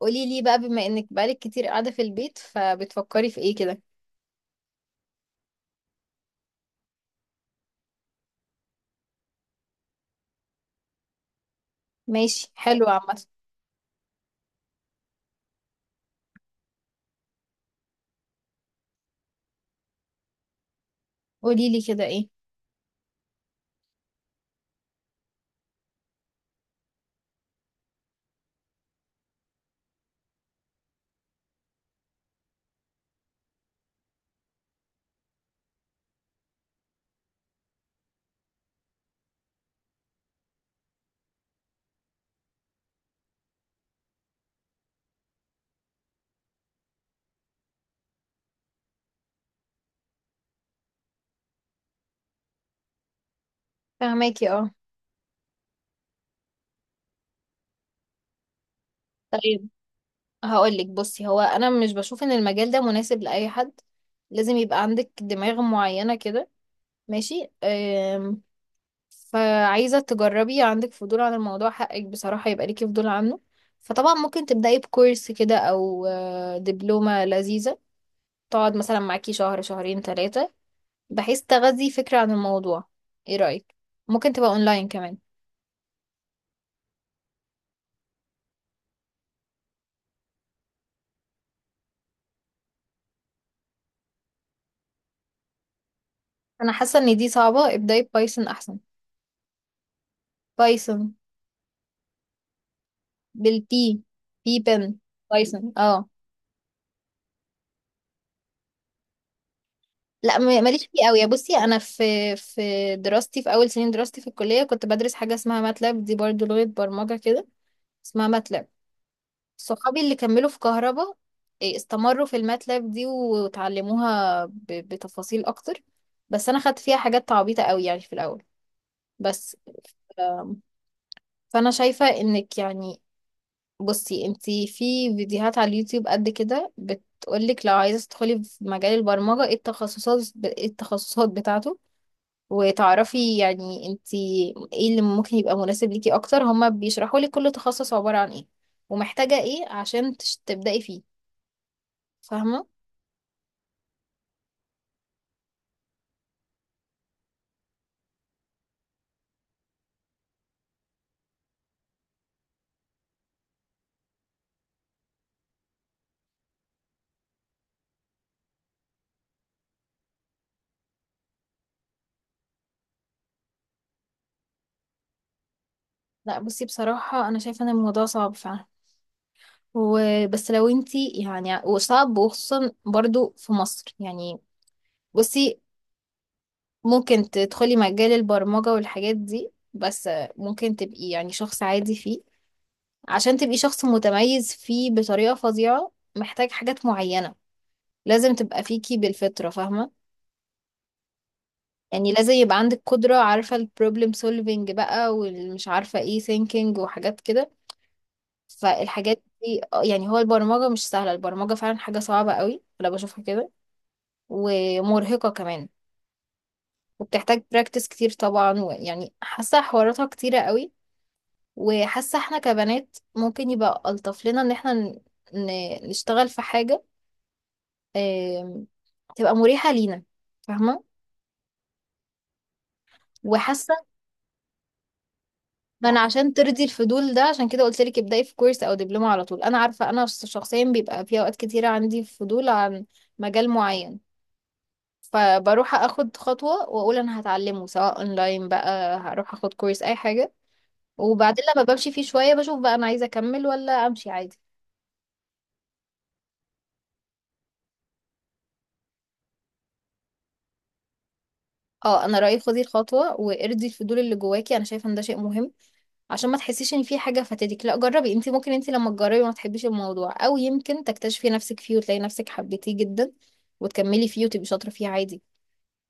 قولي لي بقى، بما انك بقالك كتير قاعدة في البيت، فبتفكري في ايه كده؟ ماشي، حلو عامة. قولي لي كده ايه؟ فهماكي، اه. طيب هقول لك، بصي هو انا مش بشوف ان المجال ده مناسب لاي حد، لازم يبقى عندك دماغ معينة كده. ماشي أم. فعايزة تجربي، عندك فضول عن الموضوع حقك بصراحة، يبقى ليكي فضول عنه. فطبعا ممكن تبدأي بكورس كده او دبلومة لذيذة، تقعد مثلا معاكي شهر شهرين ثلاثة، بحيث تغذي فكرة عن الموضوع. ايه رأيك؟ ممكن تبقى اونلاين كمان. انا حاسة ان دي صعبة، ابدأي بايثون احسن. بايثون. بالبي. بي بن. بايثون اه. لا، ماليش فيه قوي، بصي انا في، في دراستي، في اول سنين دراستي في الكلية كنت بدرس حاجة اسمها ماتلاب، دي برضو لغة برمجة كده، اسمها ماتلاب. صحابي اللي كملوا في كهربا، استمروا في الماتلاب دي وتعلموها بتفاصيل اكتر، بس انا خدت فيها حاجات تعبيطة قوي يعني في الاول، بس. آه، فانا شايفة انك يعني، بصي انتي في فيديوهات على اليوتيوب قد كده بتقولك لو عايزة تدخلي في مجال البرمجة ايه التخصصات، ايه التخصصات بتاعته، وتعرفي يعني انتي ايه اللي ممكن يبقى مناسب ليكي اكتر، هما بيشرحوا لك كل تخصص عبارة عن ايه، ومحتاجة ايه عشان تبدأي فيه. فاهمة؟ لا بصي، بصراحة انا شايفة ان الموضوع صعب فعلا، وبس لو انتي يعني، وصعب وخصوصا برضو في مصر يعني. بصي، ممكن تدخلي مجال البرمجة والحاجات دي، بس ممكن تبقي يعني شخص عادي فيه. عشان تبقي شخص متميز فيه بطريقة فظيعة، محتاج حاجات معينة لازم تبقى فيكي بالفطرة. فاهمة؟ يعني لازم يبقى عندك قدرة، عارفة البروبلم سولفينج بقى، والمش عارفة ايه ثينكينج، وحاجات كده. فالحاجات دي يعني، هو البرمجة مش سهلة، البرمجة فعلا حاجة صعبة قوي، أنا بشوفها كده، ومرهقة كمان، وبتحتاج براكتس كتير طبعا، ويعني حاسة حواراتها كتيرة قوي. وحاسة احنا كبنات ممكن يبقى ألطف لنا ان احنا نشتغل في حاجة آم، تبقى مريحة لينا. فاهمة؟ وحاسة، ما انا عشان ترضي الفضول ده عشان كده قلت لك ابدأي في كورس او دبلومة على طول. انا عارفة انا شخصيا بيبقى في اوقات كتيرة عندي فضول عن مجال معين، فبروح اخد خطوة واقول انا هتعلمه، سواء اونلاين بقى، هروح اخد كورس اي حاجة، وبعدين لما بمشي فيه شوية بشوف بقى انا عايزة اكمل ولا امشي عادي. اه انا رايي خدي الخطوه وارضي الفضول اللي جواكي، انا شايفه ان ده شيء مهم، عشان ما تحسيش ان في حاجه فاتتك. لا جربي، انت ممكن انت لما تجربي ما تحبيش الموضوع، او يمكن تكتشفي نفسك فيه وتلاقي نفسك حبيتيه جدا وتكملي فيه وتبقي شاطره فيه عادي.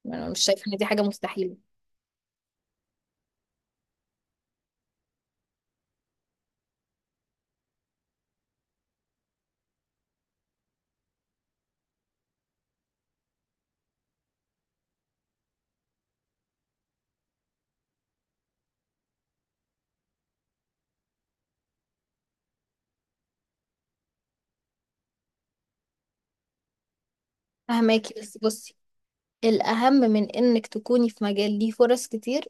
انا مش شايفه ان دي حاجه مستحيله. فهماكي؟ بس بصي، الاهم من انك تكوني في مجال ليه فرص كتير،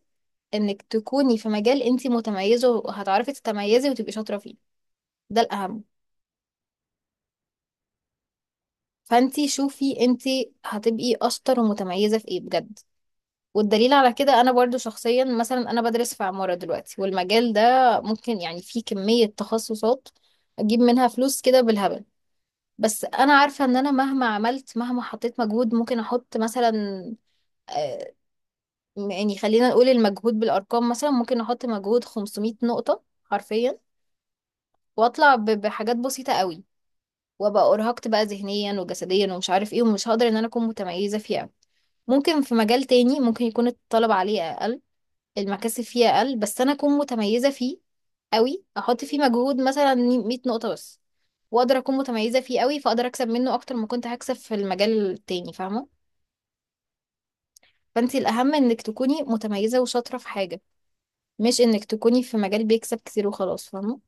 انك تكوني في مجال انت متميزه وهتعرفي تتميزي وتبقي شاطره فيه. ده الاهم. فانت شوفي انت هتبقي اشطر ومتميزه في ايه بجد. والدليل على كده انا برضو شخصيا، مثلا انا بدرس في عمارة دلوقتي، والمجال ده ممكن يعني فيه كمية تخصصات اجيب منها فلوس كده بالهبل، بس انا عارفة ان انا مهما عملت، مهما حطيت مجهود، ممكن احط مثلا آه، يعني، خلينا نقول المجهود بالارقام، مثلا ممكن احط مجهود 500 نقطة حرفيا، واطلع بحاجات بسيطة قوي، وابقى ارهقت بقى ذهنيا وجسديا ومش عارف ايه، ومش هقدر ان انا اكون متميزة فيها. ممكن في مجال تاني ممكن يكون الطلب عليه اقل، المكاسب فيه اقل، بس انا اكون متميزه فيه قوي، احط فيه مجهود مثلا 100 نقطه بس، واقدر اكون متميزه فيه قوي، فاقدر اكسب منه اكتر ما كنت هكسب في المجال التاني. فاهمه؟ فانت الاهم انك تكوني متميزه وشاطره في حاجه، مش انك تكوني في مجال بيكسب كتير وخلاص. فاهمه؟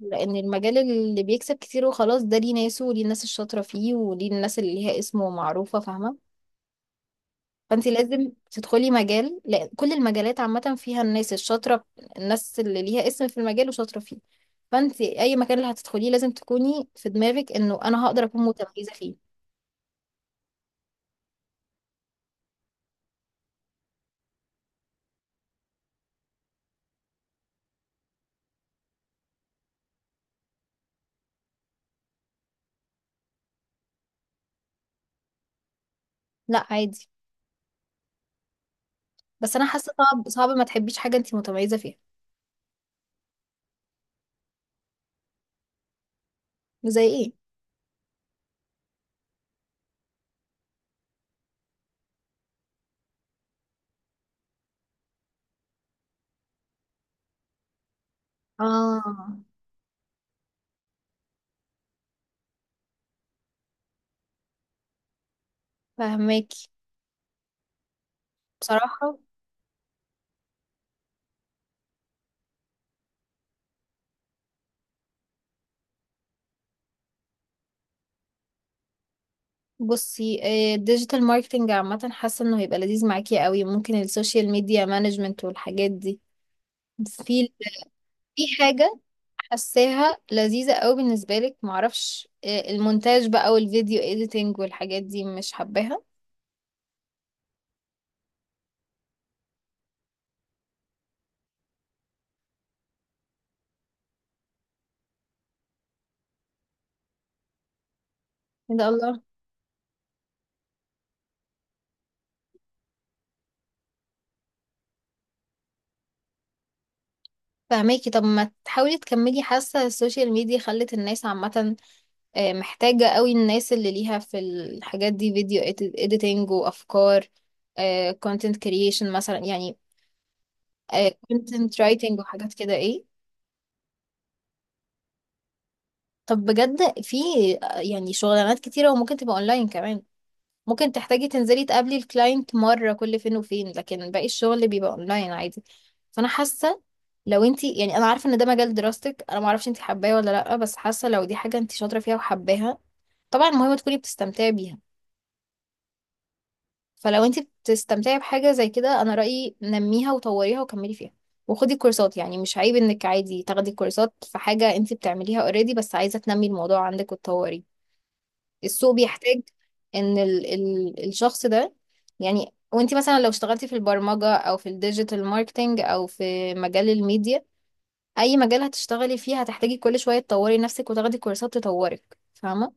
لان المجال اللي بيكسب كتير وخلاص ده ليه ناسه، وليه الناس الشاطره فيه، وليه الناس اللي ليها اسم ومعروفه. فاهمه؟ فانت لازم تدخلي مجال، لأن كل المجالات عامة فيها الناس الشاطرة، الناس اللي ليها اسم في المجال وشاطرة فيه. فانت اي مكان اللي هتدخليه لازم تكوني في دماغك انه انا هقدر اكون متميزة فيه. لا عادي، بس انا حاسة صعب، صعب ما تحبيش حاجة انت متميزة فيها. زي ايه؟ اه، فهماكي. بصراحة، بصي الديجيتال ماركتنج عامة حاسة انه هيبقى لذيذ معاكي قوي، ممكن السوشيال ميديا مانجمنت والحاجات دي، في، في حاجة حاساها لذيذة قوي بالنسبة لك، معرفش المونتاج بقى، والفيديو اديتنج والحاجات دي، مش حباها؟ ايه ده، الله. فهماكي، طب ما تحاولي تكملي، حاسة السوشيال ميديا خلت الناس عامة محتاجة قوي الناس اللي ليها في الحاجات دي، فيديو اديتنج وافكار، كونتنت كرييشن مثلا يعني، كونتنت رايتنج وحاجات كده، ايه. طب بجد في يعني شغلانات كتيرة، وممكن تبقى اونلاين كمان، ممكن تحتاجي تنزلي تقابلي الكلاينت مرة كل فين وفين، لكن باقي الشغل بيبقى اونلاين عادي. فانا حاسة، لو انتي يعني، انا عارفة ان ده مجال دراستك، انا معرفش انتي حباه ولا لأ، بس حاسة لو دي حاجة انتي شاطرة فيها وحباها، طبعا المهم تكوني بتستمتعي بيها. فلو انتي بتستمتعي بحاجة زي كده انا رأيي نميها وطوريها وكملي فيها. وخدي كورسات، يعني مش عيب انك عادي تاخدي كورسات في حاجة انتي بتعمليها اوريدي، بس عايزة تنمي الموضوع عندك وتطوريه. السوق بيحتاج ان ال الشخص ده، يعني وانت مثلا لو اشتغلتي في البرمجة او في الديجيتال ماركتينج او في مجال الميديا، اي مجال هتشتغلي فيه هتحتاجي كل شوية تطوري نفسك وتاخدي كورسات تطورك. فاهمة؟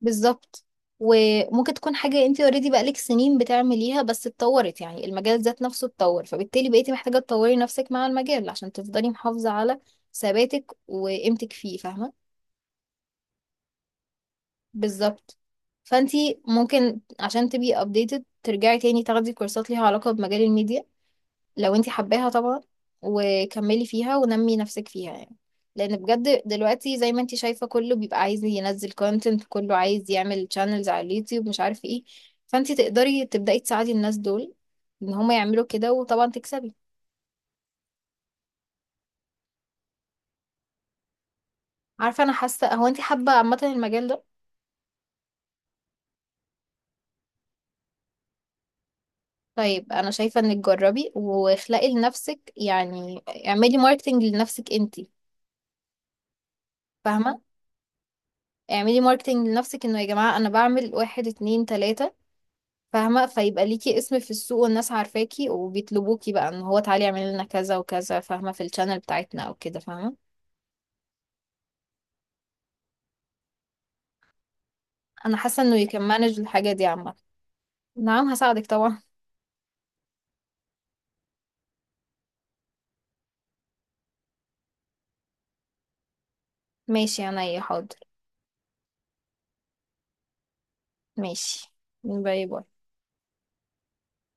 بالظبط. وممكن تكون حاجة انت اوريدي بقالك سنين بتعمليها بس اتطورت، يعني المجال ذات نفسه اتطور، فبالتالي بقيتي محتاجة تطوري نفسك مع المجال عشان تفضلي محافظة على ثباتك وقيمتك فيه. فاهمة؟ بالظبط. فانتي ممكن عشان تبقي updated ترجعي تاني تاخدي كورسات ليها علاقة بمجال الميديا، لو انتي حباها طبعا، وكملي فيها ونمي نفسك فيها يعني. لان بجد دلوقتي زي ما انتي شايفة كله بيبقى عايز ينزل content، كله عايز يعمل channels على اليوتيوب، مش عارف ايه. فانتي تقدري تبدأي تساعدي الناس دول ان هما يعملوا كده، وطبعا تكسبي. عارفة، انا حاسة هو انتي حابة عامة المجال ده. طيب انا شايفة انك جربي واخلقي لنفسك يعني، اعملي ماركتنج لنفسك انتي. فاهمة؟ اعملي ماركتينج لنفسك انه يا جماعة انا بعمل واحد اتنين تلاتة، فاهمة؟ فيبقى ليكي اسم في السوق والناس عارفاكي وبيطلبوكي بقى ان هو تعالي اعملي لنا كذا وكذا، فاهمة، في الشانل بتاعتنا او كده. فاهمة؟ انا حاسة انه يكمانج مانج الحاجة دي عامة. نعم هساعدك طبعا. ماشي انا ايه، حاضر. ماشي، باي باي.